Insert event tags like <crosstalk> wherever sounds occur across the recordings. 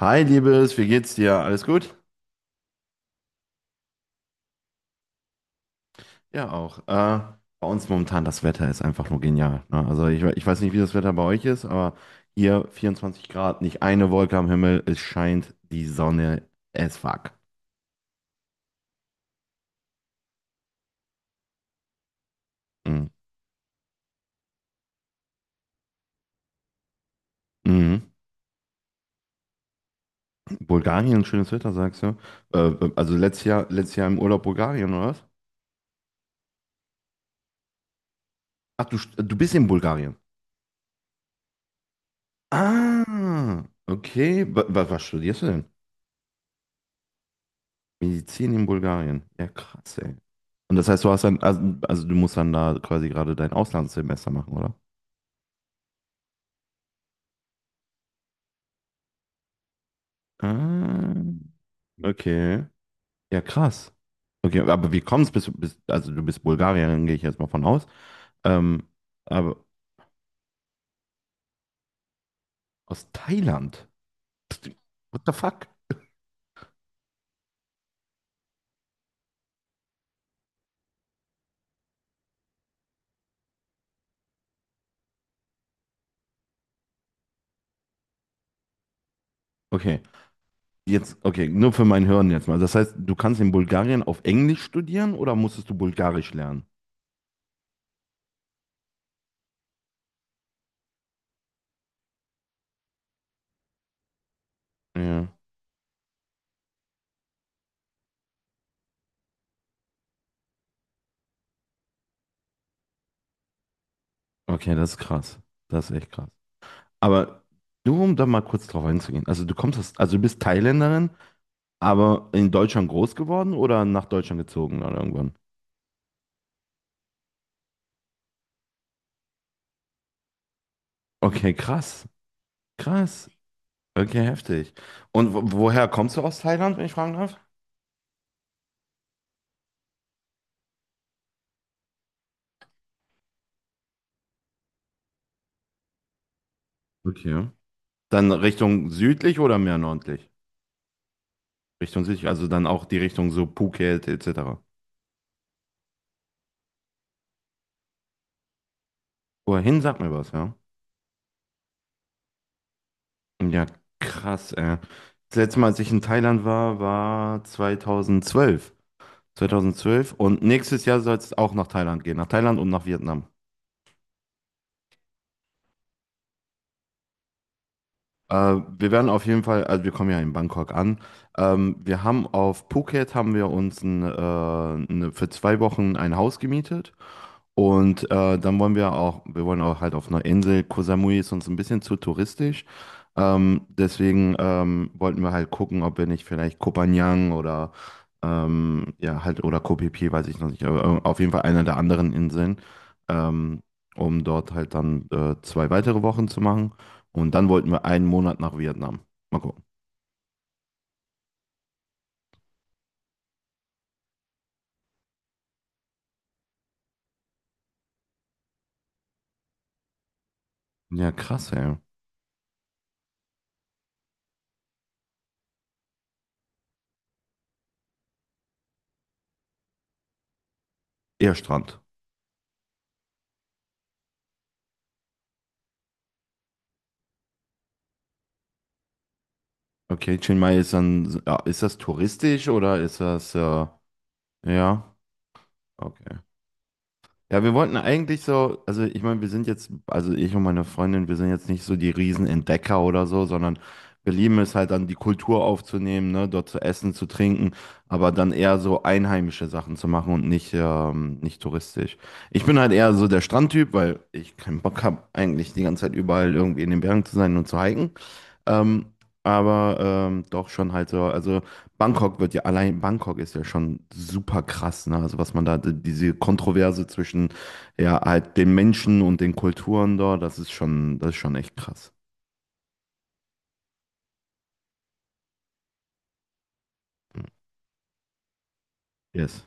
Hi, Liebes, wie geht's dir? Alles gut? Ja, auch. Bei uns momentan das Wetter ist einfach nur genial. Ne? Also ich weiß nicht, wie das Wetter bei euch ist, aber hier 24 Grad, nicht eine Wolke am Himmel, es scheint die Sonne as fuck. Mhm. Mhm. Bulgarien, schönes Wetter, sagst du? Also letztes Jahr im Urlaub Bulgarien, oder was? Ach, du bist in Bulgarien. Ah, okay. Was studierst du denn? Medizin in Bulgarien. Ja, krass, ey. Und das heißt, du hast dann, also du musst dann da quasi gerade dein Auslandssemester machen, oder? Ah, okay. Ja, krass. Okay, aber wie kommst also du bist Bulgarierin, gehe ich jetzt mal von aus. Ähm, aber aus Thailand? What the fuck? Okay, jetzt, okay, nur für mein Hören jetzt mal. Das heißt, du kannst in Bulgarien auf Englisch studieren oder musstest du Bulgarisch lernen? Ja. Okay, das ist krass. Das ist echt krass. Aber nur um da mal kurz drauf einzugehen. Also du bist Thailänderin, aber in Deutschland groß geworden oder nach Deutschland gezogen oder irgendwann? Okay, krass. Krass. Okay, heftig. Und woher kommst du aus Thailand, wenn ich fragen darf? Okay. Dann Richtung südlich oder mehr nördlich? Richtung südlich, also dann auch die Richtung so Phuket etc. Wohin sagt mir was, ja? Ja, krass, ey. Das letzte Mal, als ich in Thailand war, war 2012. 2012. Und nächstes Jahr soll es auch nach Thailand gehen, nach Thailand und nach Vietnam. Wir werden auf jeden Fall, also wir kommen ja in Bangkok an. Wir haben auf Phuket haben wir uns für 2 Wochen ein Haus gemietet. Und dann wollen wir auch, wir wollen auch halt auf einer Insel. Koh Samui ist uns ein bisschen zu touristisch. Deswegen wollten wir halt gucken, ob wir nicht vielleicht Koh Phangan oder ja halt oder Koh Phi Phi, weiß ich noch nicht, aber auf jeden Fall einer der anderen Inseln, ähm, um dort halt dann 2 weitere Wochen zu machen. Und dann wollten wir einen Monat nach Vietnam. Mal gucken. Ja, krass, ey. Eher Strand. Okay, Chiang Mai ist dann, ja, ist das touristisch oder ist das, ja, okay. Ja, wir wollten eigentlich so, also ich meine, wir sind jetzt, also ich und meine Freundin, wir sind jetzt nicht so die Riesenentdecker oder so, sondern wir lieben es halt dann die Kultur aufzunehmen, ne, dort zu essen, zu trinken, aber dann eher so einheimische Sachen zu machen und nicht touristisch. Ich bin halt eher so der Strandtyp, weil ich keinen Bock habe, eigentlich die ganze Zeit überall irgendwie in den Bergen zu sein und zu hiken. Ähm, aber doch schon halt so, also allein Bangkok ist ja schon super krass, ne? Also was man da, die- diese Kontroverse zwischen ja halt den Menschen und den Kulturen dort, das ist schon echt krass. Yes.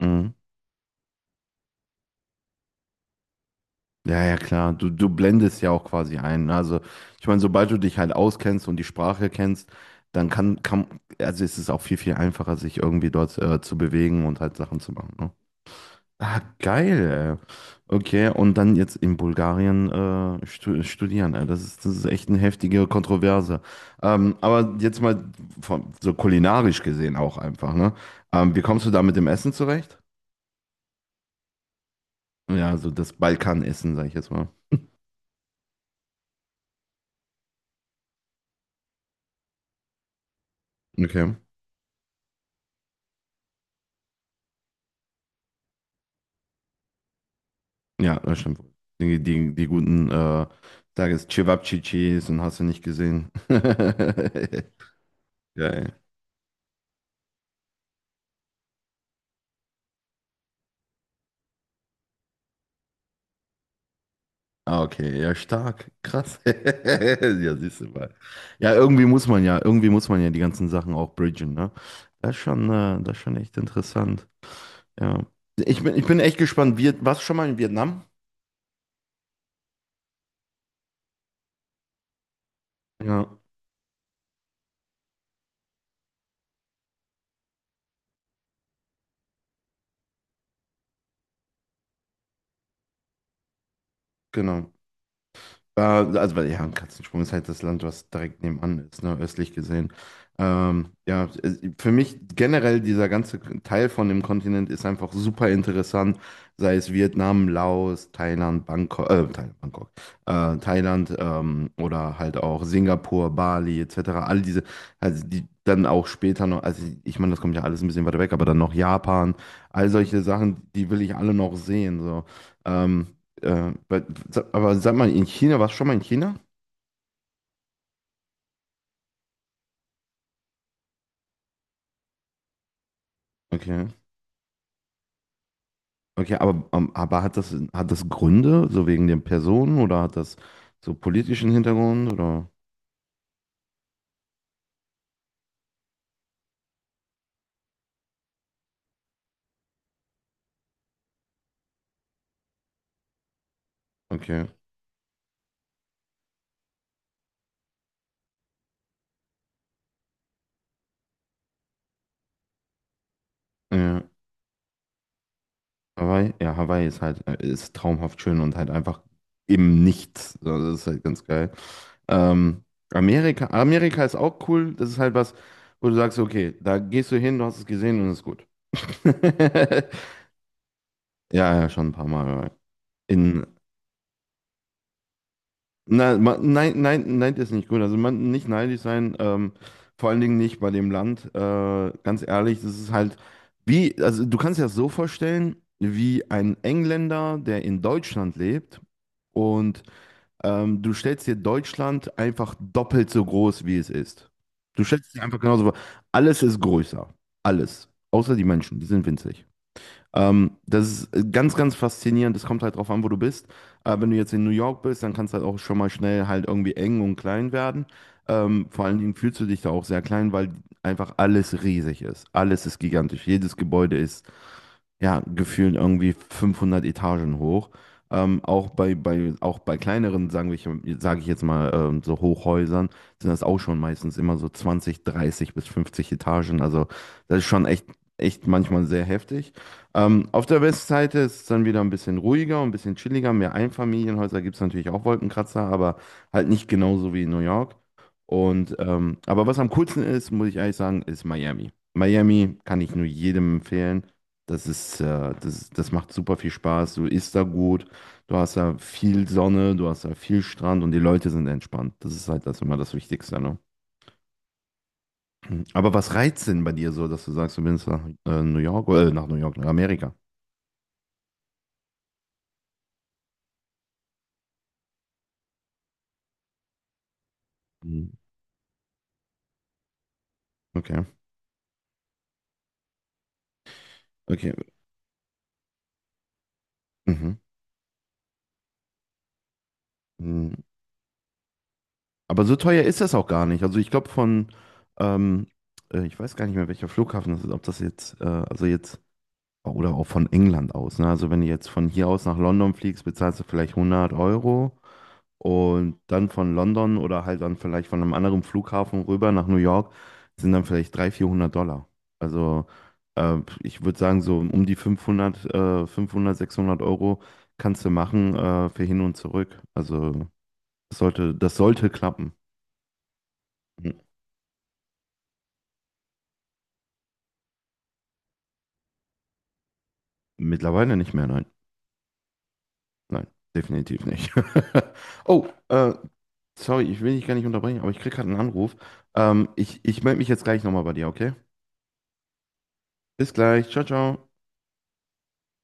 Mhm. Ja, ja, klar. Du blendest ja auch quasi ein, ne? Also, ich meine, sobald du dich halt auskennst und die Sprache kennst, dann also ist es auch viel, viel einfacher, sich irgendwie dort zu bewegen und halt Sachen zu machen, ne? Ah, geil, ey. Okay, und dann jetzt in Bulgarien studieren. Ey. Das ist echt eine heftige Kontroverse. Aber jetzt mal so kulinarisch gesehen auch einfach, ne? Wie kommst du da mit dem Essen zurecht? Ja, so das Balkanessen, sag ich jetzt mal. Okay. Ja, das stimmt. Die guten, sag es, Cevapcicis und hast du nicht gesehen. <laughs> Geil. Ah, okay, ja, stark, krass. <laughs> Ja, siehst du mal. Ja, irgendwie muss man ja die ganzen Sachen auch bridgen, ne? Das ist schon echt interessant. Ja. Ich bin echt gespannt. Warst du schon mal in Vietnam? Ja, genau. Ja, also, weil, ja, Katzensprung ist halt das Land, was direkt nebenan ist, ne, östlich gesehen. Ja, für mich generell dieser ganze Teil von dem Kontinent ist einfach super interessant, sei es Vietnam, Laos, Thailand, Bangkok, Thailand, Bangkok, Thailand oder halt auch Singapur, Bali etc. All diese, also die dann auch später noch, also ich meine, das kommt ja alles ein bisschen weiter weg, aber dann noch Japan, all solche Sachen, die will ich alle noch sehen, so. Ähm, äh, bei- aber sag mal, in China, warst du schon mal in China? Okay. Okay, aber hat das, Gründe, so wegen den Personen oder hat das so politischen Hintergrund oder? Okay. Ja, ja, Hawaii ist traumhaft schön und halt einfach im Nichts. So, das ist halt ganz geil. Ähm, Amerika ist auch cool. Das ist halt was, wo du sagst, okay, da gehst du hin, du hast es gesehen und ist gut. <laughs> Ja, ja, schon ein paar Mal, ja. In, nein, nein, nein, das ist nicht gut. Also man nicht neidisch sein, vor allen Dingen nicht bei dem Land. Ganz ehrlich, das ist halt wie, also du kannst dir das so vorstellen, wie ein Engländer, der in Deutschland lebt und du stellst dir Deutschland einfach doppelt so groß, wie es ist. Du stellst dir einfach genauso vor. Alles ist größer. Alles. Außer die Menschen, die sind winzig. Das ist ganz, ganz faszinierend. Das kommt halt drauf an, wo du bist. Wenn du jetzt in New York bist, dann kann es halt auch schon mal schnell halt irgendwie eng und klein werden. Vor allen Dingen fühlst du dich da auch sehr klein, weil einfach alles riesig ist. Alles ist gigantisch. Jedes Gebäude ist ja, gefühlt irgendwie 500 Etagen hoch. Auch auch bei kleineren, sagen wir, sage ich jetzt mal, so Hochhäusern, sind das auch schon meistens immer so 20, 30 bis 50 Etagen. Also das ist schon echt, echt manchmal sehr heftig. Auf der Westseite ist es dann wieder ein bisschen ruhiger und ein bisschen chilliger. Mehr Einfamilienhäuser gibt es natürlich auch Wolkenkratzer, aber halt nicht genauso wie in New York. Und aber was am coolsten ist, muss ich ehrlich sagen, ist Miami. Miami kann ich nur jedem empfehlen. Das macht super viel Spaß. Du isst da gut, du hast da viel Sonne, du hast da viel Strand und die Leute sind entspannt. Das ist halt das immer das Wichtigste, ne? Aber was reizt denn bei dir so, dass du sagst, du willst nach New York nach Amerika? Mhm. Okay, okay. Mhm. Mhm. Aber so teuer ist das auch gar nicht. Also ich glaube ähm, ich weiß gar nicht mehr, welcher Flughafen das ist, ob das jetzt, also jetzt, oder auch von England aus, ne? Also wenn du jetzt von hier aus nach London fliegst, bezahlst du vielleicht 100 Euro. Und dann von London oder halt dann vielleicht von einem anderen Flughafen rüber nach New York sind dann vielleicht 300, 400 Dollar. Also äh, ich würde sagen, so um die 500 500, 600 € kannst du machen für hin und zurück. Also das sollte klappen. Hm, Mittlerweile nicht mehr, nein. Nein, definitiv nicht. <laughs> Oh, sorry, ich will dich gar nicht unterbrechen, aber ich krieg gerade einen Anruf. Ich melde mich jetzt gleich nochmal bei dir, okay? Bis gleich. Ciao, ciao.